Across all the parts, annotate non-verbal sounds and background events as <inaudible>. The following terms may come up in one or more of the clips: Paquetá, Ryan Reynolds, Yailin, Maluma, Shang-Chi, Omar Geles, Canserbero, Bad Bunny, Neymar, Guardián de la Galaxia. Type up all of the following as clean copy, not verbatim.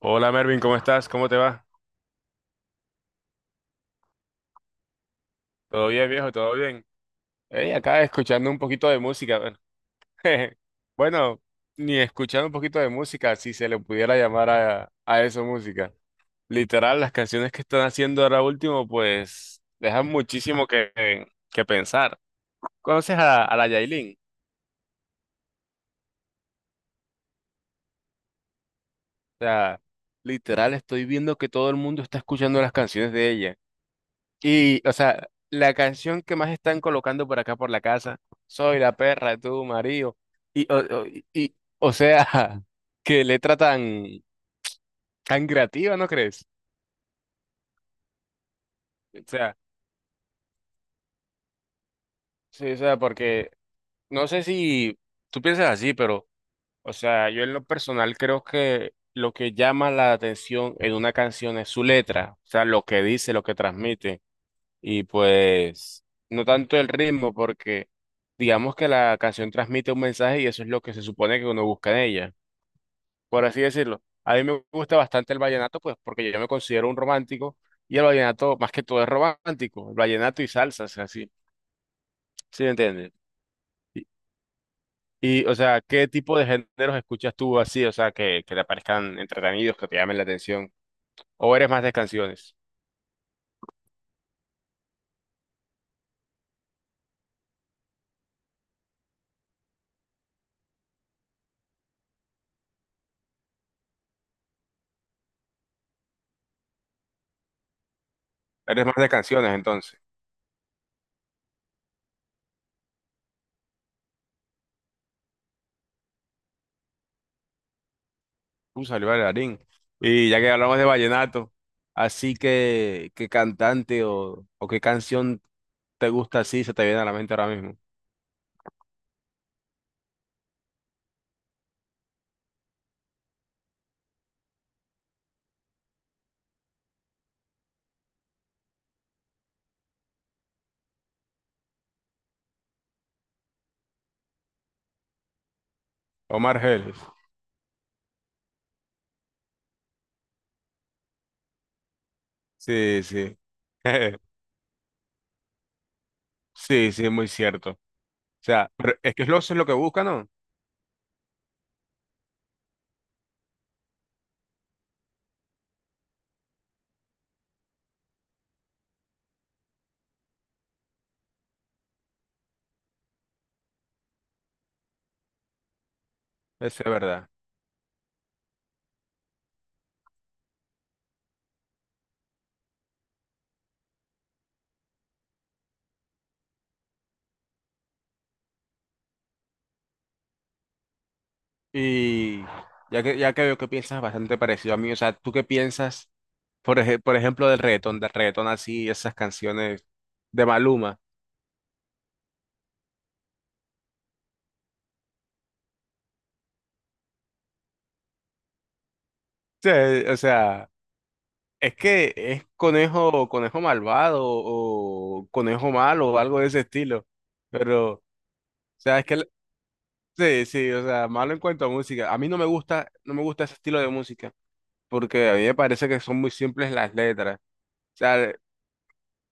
Hola Mervin, ¿cómo estás? ¿Cómo te va? ¿Todo bien, viejo? ¿Todo bien? Hey, acá escuchando un poquito de música. Bueno, <laughs> bueno, ni escuchando un poquito de música, si se le pudiera llamar a eso música. Literal, las canciones que están haciendo ahora último, pues dejan muchísimo que pensar. ¿Conoces a la Yailin? O sea, literal, estoy viendo que todo el mundo está escuchando las canciones de ella. Y, o sea, la canción que más están colocando por acá por la casa, soy la perra de tu marido. O sea, <laughs> qué letra tan, tan creativa, ¿no crees? O sea, sí, o sea, porque no sé si tú piensas así, pero, o sea, yo en lo personal creo que lo que llama la atención en una canción es su letra, o sea, lo que dice, lo que transmite. Y pues no tanto el ritmo, porque digamos que la canción transmite un mensaje y eso es lo que se supone que uno busca en ella, por así decirlo. A mí me gusta bastante el vallenato, pues porque yo me considero un romántico y el vallenato más que todo es romántico, el vallenato y salsas, así, ¿sí me entiendes? Y, y, o sea, ¿qué tipo de géneros escuchas tú así, o sea, que te parezcan entretenidos, que te llamen la atención? ¿O eres más de canciones? Eres más de canciones entonces. Salió bailarín. Y ya que hablamos de vallenato, así que, ¿qué cantante o qué canción te gusta así se te viene a la mente ahora mismo? Omar Geles. Sí, sí. <laughs> Sí, sí, muy cierto. O sea, pero es que es lo, eso es lo que buscan, ¿no? Eso es verdad. Y ya que veo que piensas bastante parecido a mí, o sea, ¿tú qué piensas, por ejemplo, del reggaetón, así, esas canciones de Maluma? Sí, o sea. Es que es conejo, conejo malvado o conejo malo o algo de ese estilo. Pero, o sea, es que sí, sí, o sea, malo en cuanto a música. A mí no me gusta, no me gusta ese estilo de música porque a mí me parece que son muy simples las letras. O sea, el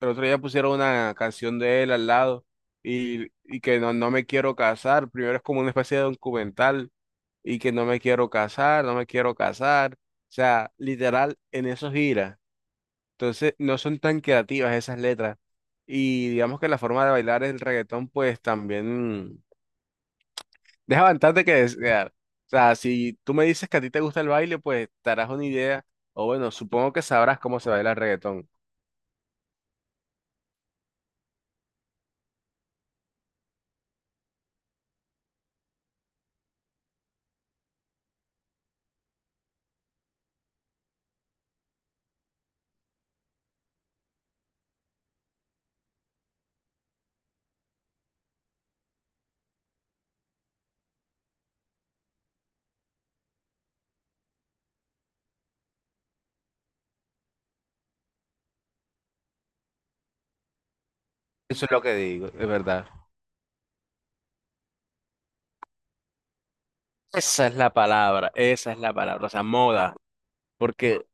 el otro día pusieron una canción de él al lado y que no, no me quiero casar. Primero es como una especie de documental y que no me quiero casar, no me quiero casar. O sea, literal, en eso gira. Entonces, no son tan creativas esas letras. Y digamos que la forma de bailar el reggaetón, pues también deja bastante que desear. O sea, si tú me dices que a ti te gusta el baile, pues te harás una idea, o bueno, supongo que sabrás cómo se baila el reggaetón. Eso es lo que digo, es verdad. Esa es la palabra, esa es la palabra, o sea, moda, porque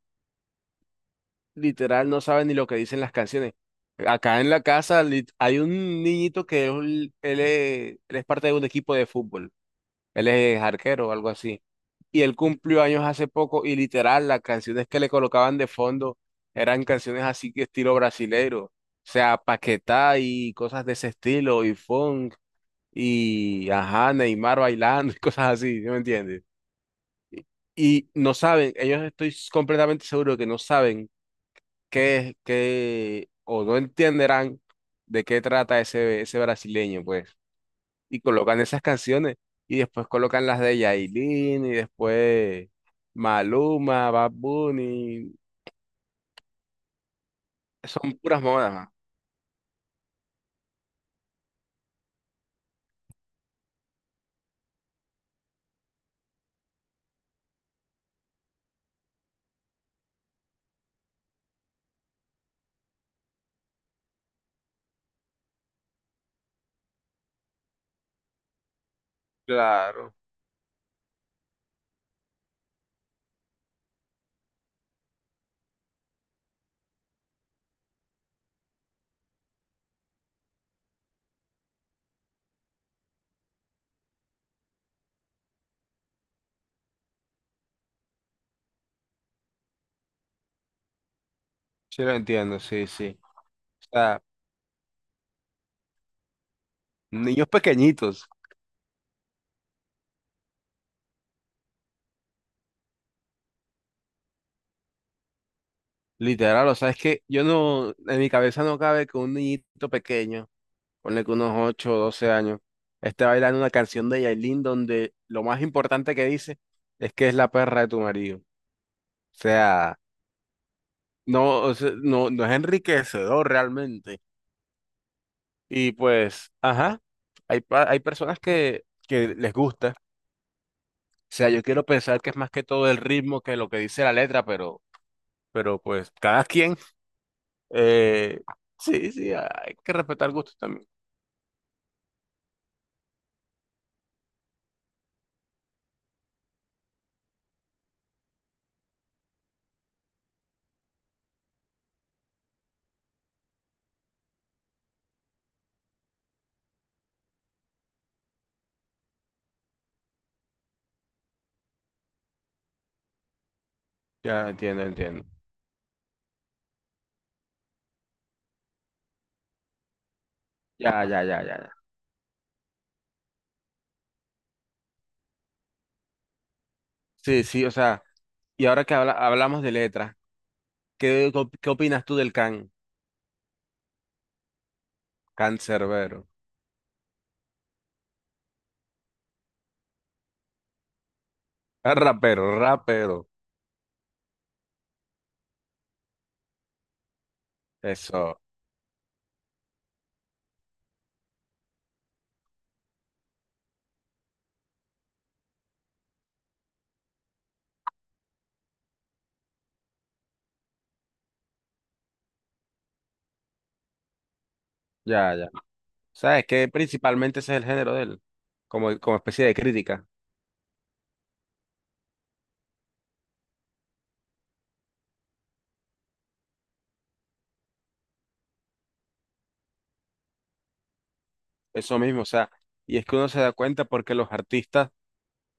literal no saben ni lo que dicen las canciones. Acá en la casa hay un niñito que es él es parte de un equipo de fútbol. Él es arquero o algo así. Y él cumplió años hace poco y literal las canciones que le colocaban de fondo eran canciones así que estilo brasileiro. O sea, Paquetá y cosas de ese estilo y funk y ajá, Neymar bailando <laughs> y cosas así, ¿sí me entiendes? Y no saben, ellos estoy completamente seguro que no saben qué es, o no entenderán de qué trata ese, brasileño, pues y colocan esas canciones y después colocan las de Yailin y después Maluma, Bad Bunny, son puras modas. Ma. Claro, sí lo entiendo, sí, sí. O sea, niños pequeñitos, literal, o sea, es que yo no, en mi cabeza no cabe que un niñito pequeño, ponle que unos 8 o 12 años, esté bailando una canción de Yailin donde lo más importante que dice es que es la perra de tu marido. Sea, no, o sea, no, no es enriquecedor realmente. Y pues, ajá, hay, hay personas que les gusta. O sea, yo quiero pensar que es más que todo el ritmo que lo que dice la letra, pero pues cada quien. Eh, sí, sí, hay que respetar gustos también. Ya entiendo, entiendo. Ya, ya, ya, ya, ya. Sí, sí, o sea, y ahora que hablamos de letra, ¿ qué opinas tú del can? Cancerbero. Ah, rapero, rapero. Eso, ya, ya. ¿Sabes que principalmente ese es el género de él? Como, como especie de crítica. Eso mismo, o sea, y es que uno se da cuenta porque los artistas,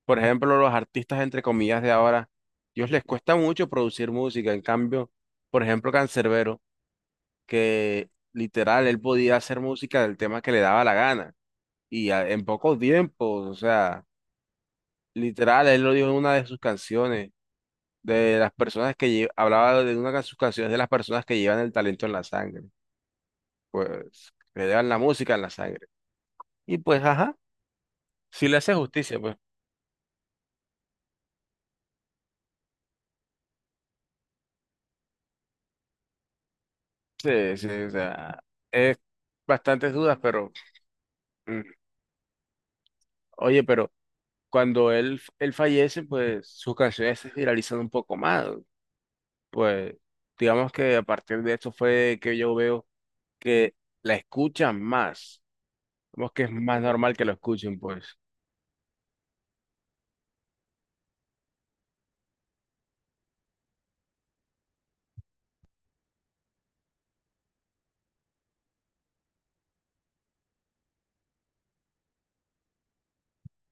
por ejemplo, los artistas entre comillas de ahora, ellos les cuesta mucho producir música. En cambio, por ejemplo, Canserbero, que literal él podía hacer música del tema que le daba la gana y en pocos tiempos, o sea, literal él lo dijo en una de sus canciones, de las personas que hablaba de una de sus canciones de las personas que llevan el talento en la sangre, pues que llevan la música en la sangre. Y pues, ajá, sí le hace justicia, pues. Sí, sí, o sea, es bastantes dudas, pero mm, oye, pero cuando él fallece, pues sus canciones se viralizan un poco más. Pues digamos que a partir de eso fue que yo veo que la escuchan más. Como que es más normal que lo escuchen, pues.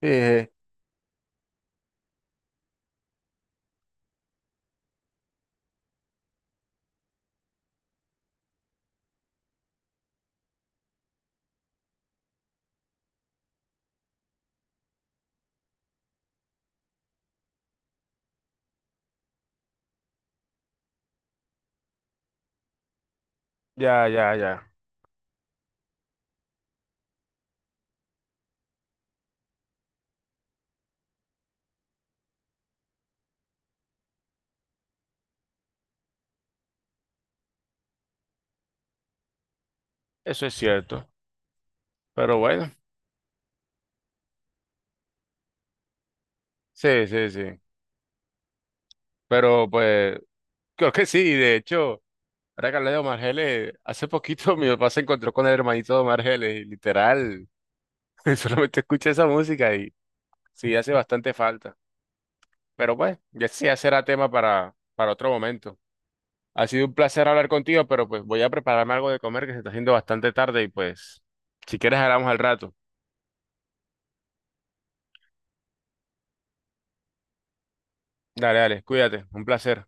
Sí, ya, ya, ya. Eso es cierto. Pero bueno, sí, sí, sí. Pero pues, creo que sí, de hecho. Ahora que hablé de Omar Geles, hace poquito <laughs> mi papá se encontró con el hermanito de Omar Geles y literal <laughs> solamente escuché esa música y sí hace bastante falta. Pero pues, ya sí ya será tema para otro momento. Ha sido un placer hablar contigo, pero pues voy a prepararme algo de comer que se está haciendo bastante tarde y pues, si quieres hablamos al rato. Dale, dale, cuídate, un placer.